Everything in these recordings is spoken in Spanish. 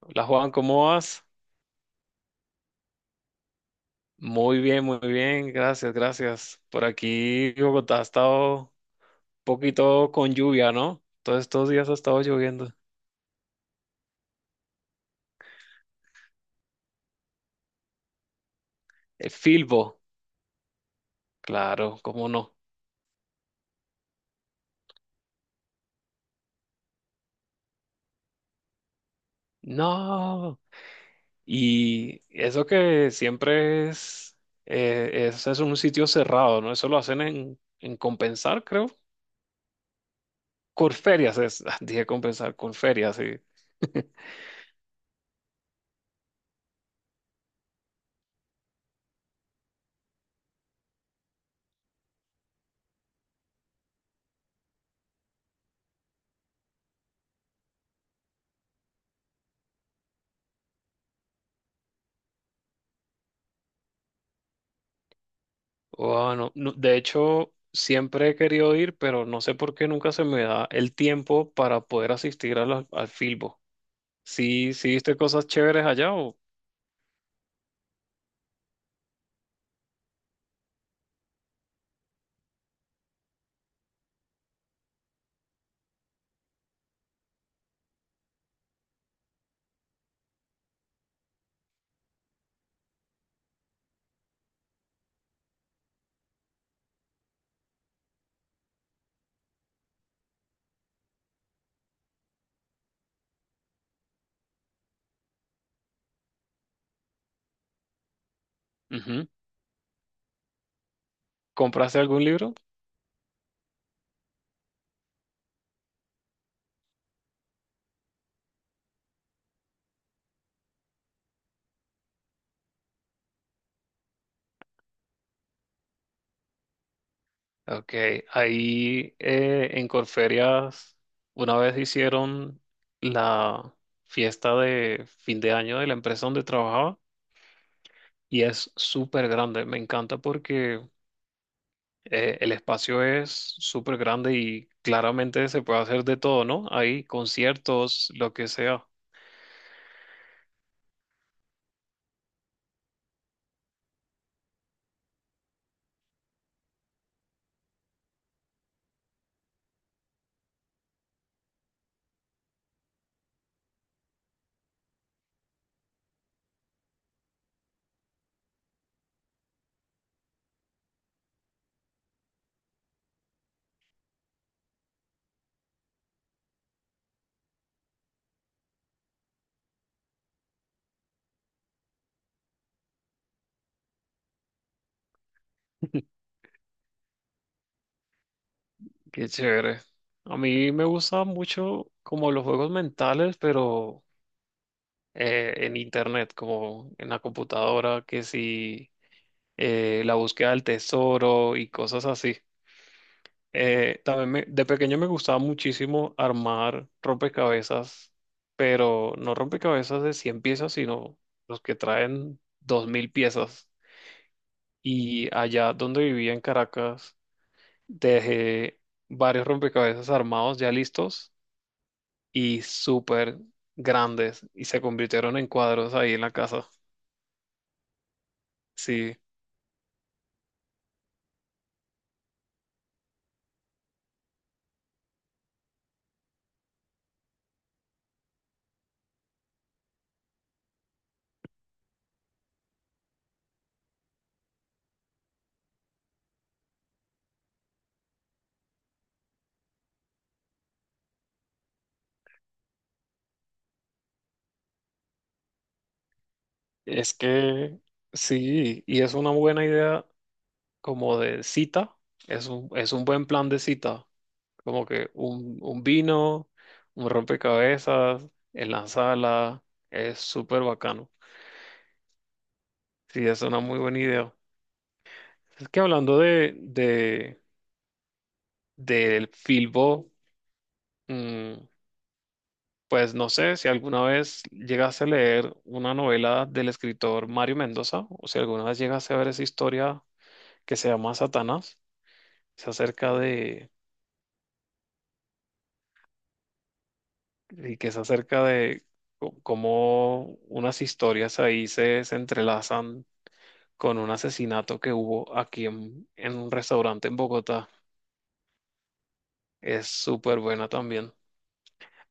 Hola Juan, ¿cómo vas? Muy bien, gracias, gracias. Por aquí Bogotá ha estado un poquito con lluvia, ¿no? Todos estos días ha estado lloviendo. Filbo, claro, ¿cómo no? No, y eso que siempre es un sitio cerrado, ¿no? Eso lo hacen en Compensar, creo. Corferias es, dije Compensar, Corferias, sí. Wow, no, no, de hecho, siempre he querido ir, pero no sé por qué nunca se me da el tiempo para poder asistir a al Filbo. ¿Sí, sí viste cosas chéveres allá o, ujú, compraste algún libro? Ok, ahí en Corferias una vez hicieron la fiesta de fin de año de la empresa donde trabajaba y es súper grande. Me encanta porque el espacio es súper grande y claramente se puede hacer de todo, ¿no? Hay conciertos, lo que sea. Qué chévere. A mí me gusta mucho como los juegos mentales, pero en internet, como en la computadora, que si la búsqueda del tesoro y cosas así. También de pequeño me gustaba muchísimo armar rompecabezas, pero no rompecabezas de 100 piezas, sino los que traen 2000 piezas. Y allá donde vivía en Caracas, dejé varios rompecabezas armados ya listos y súper grandes y se convirtieron en cuadros ahí en la casa. Sí, es que sí, y es una buena idea como de cita, es un buen plan de cita. Como que un, vino, un rompecabezas en la sala, es súper bacano. Sí, es una muy buena idea. Es que hablando del Filbo, mm, pues no sé si alguna vez llegaste a leer una novela del escritor Mario Mendoza, o si alguna vez llegaste a ver esa historia que se llama Satanás, es acerca de, y que es acerca de cómo unas historias ahí se entrelazan con un asesinato que hubo aquí en un restaurante en Bogotá. Es súper buena también.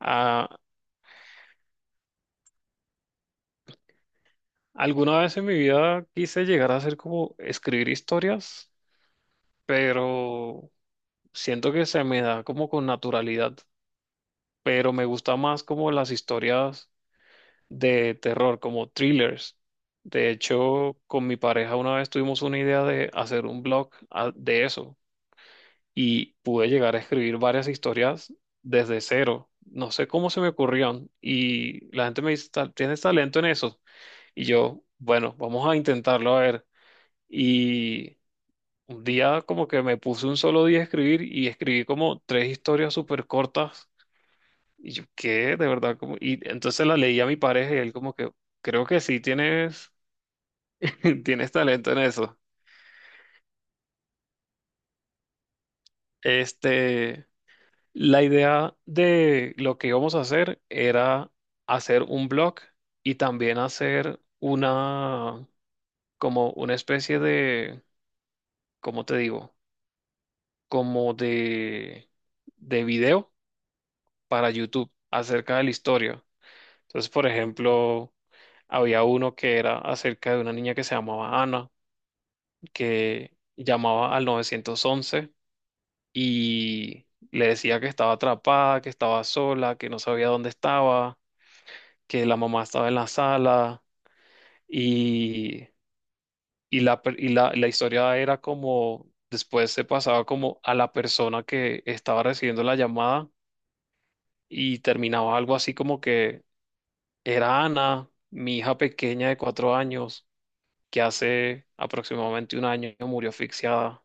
Ah, alguna vez en mi vida quise llegar a hacer como escribir historias, pero siento que se me da como con naturalidad. Pero me gusta más como las historias de terror, como thrillers. De hecho, con mi pareja una vez tuvimos una idea de hacer un blog, de eso, y pude llegar a escribir varias historias desde cero. No sé cómo se me ocurrieron y la gente me dice, "Ta- ¿tienes talento en eso?" Y yo, bueno, vamos a intentarlo a ver. Y un día como que me puse un solo día a escribir y escribí como tres historias súper cortas. Y yo, ¿qué? De verdad, como... Y entonces la leí a mi pareja y él como que, creo que sí tienes, tienes talento en eso. Este... La idea de lo que íbamos a hacer era hacer un blog y también hacer una, como una especie de, ¿cómo te digo? Como de video para YouTube acerca de la historia. Entonces, por ejemplo, había uno que era acerca de una niña que se llamaba Ana, que llamaba al 911 y le decía que estaba atrapada, que estaba sola, que no sabía dónde estaba, que la mamá estaba en la sala, y, y la historia era como, después se pasaba como a la persona que estaba recibiendo la llamada y terminaba algo así como que era Ana, mi hija pequeña de 4 años, que hace aproximadamente un año murió asfixiada,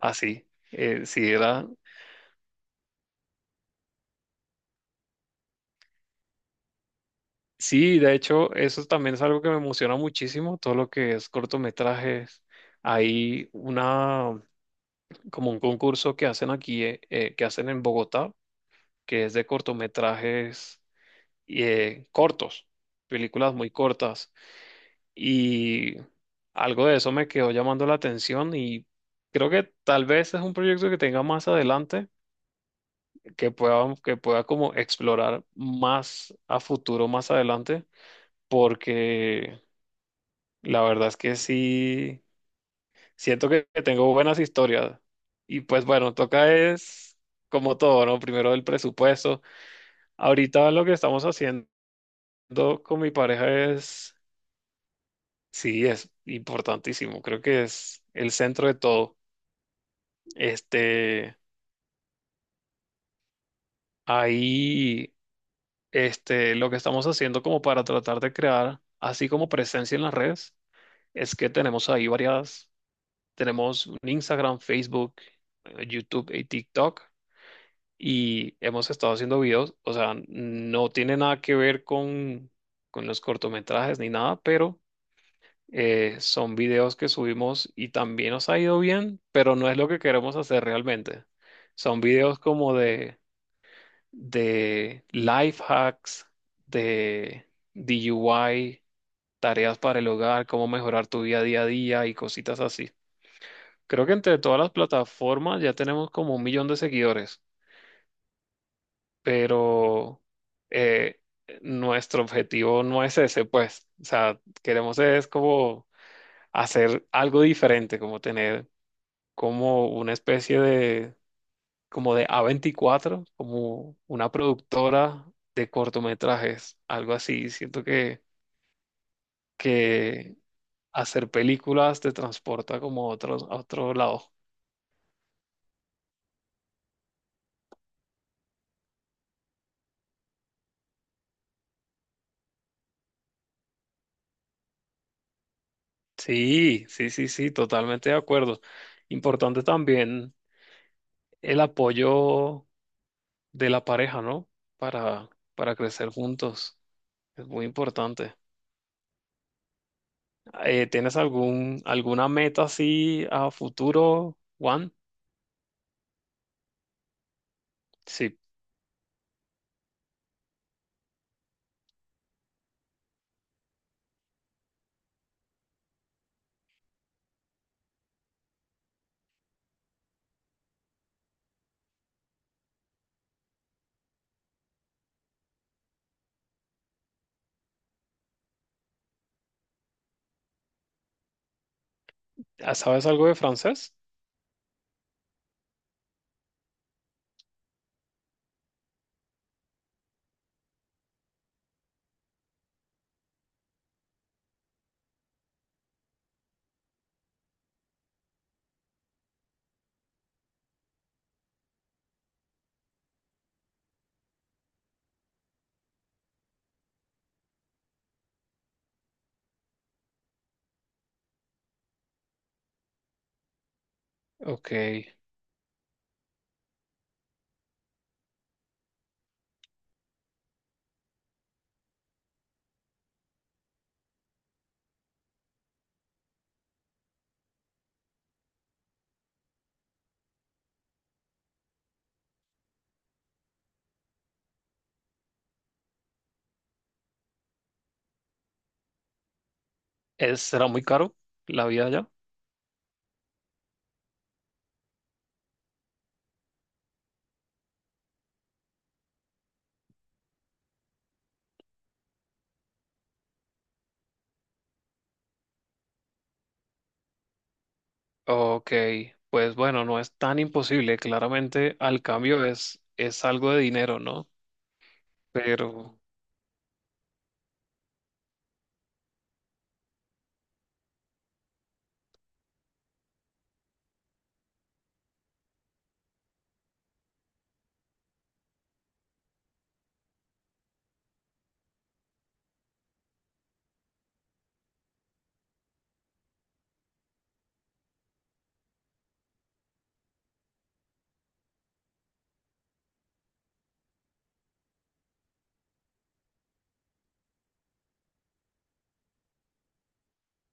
así. Sí, era... Sí, de hecho, eso también es algo que me emociona muchísimo, todo lo que es cortometrajes. Hay como un concurso que hacen aquí, que hacen en Bogotá, que es de cortometrajes, cortos, películas muy cortas. Y algo de eso me quedó llamando la atención y creo que tal vez es un proyecto que tenga más adelante, que pueda como explorar más a futuro, más adelante, porque la verdad es que sí. Siento que tengo buenas historias. Y pues bueno, toca es como todo, ¿no? Primero el presupuesto. Ahorita lo que estamos haciendo con mi pareja es, sí, es importantísimo. Creo que es el centro de todo. Este, ahí, lo que estamos haciendo como para tratar de crear, así como presencia en las redes, es que tenemos ahí varias, tenemos un Instagram, Facebook, YouTube y TikTok. Y hemos estado haciendo videos, o sea, no tiene nada que ver con los cortometrajes ni nada, pero son videos que subimos y también nos ha ido bien, pero no es lo que queremos hacer realmente. Son videos como de life hacks, de DIY, tareas para el hogar, cómo mejorar tu vida día a día y cositas así. Creo que entre todas las plataformas ya tenemos como 1 millón de seguidores. Pero eh, nuestro objetivo no es ese, pues, o sea, queremos es como hacer algo diferente, como tener como una especie de, como de a 24, como una productora de cortometrajes, algo así. Siento que hacer películas te transporta como a otro lado. Sí, sí, sí, sí, totalmente de acuerdo. Importante también el apoyo de la pareja, ¿no? Para, para crecer juntos. Es muy importante. ¿Tienes alguna meta así a futuro, Juan? Sí. Ah, ¿sabes algo de francés? Ok. ¿Es, será muy caro la vida allá? Ok. Pues bueno, no es tan imposible. Claramente, al cambio es algo de dinero, ¿no? Pero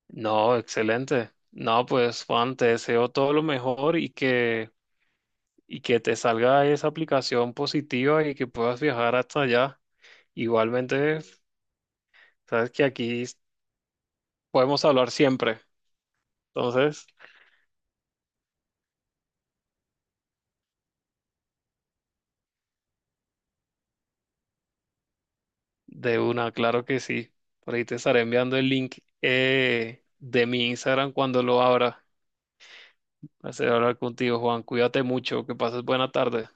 no, excelente. No, pues Juan, te deseo todo lo mejor y que te salga esa aplicación positiva y que puedas viajar hasta allá. Igualmente, sabes que aquí podemos hablar siempre. Entonces, de una, claro que sí. Por ahí te estaré enviando el link, de mi Instagram cuando lo abra. Hacer hablar contigo, Juan. Cuídate mucho, que pases buena tarde.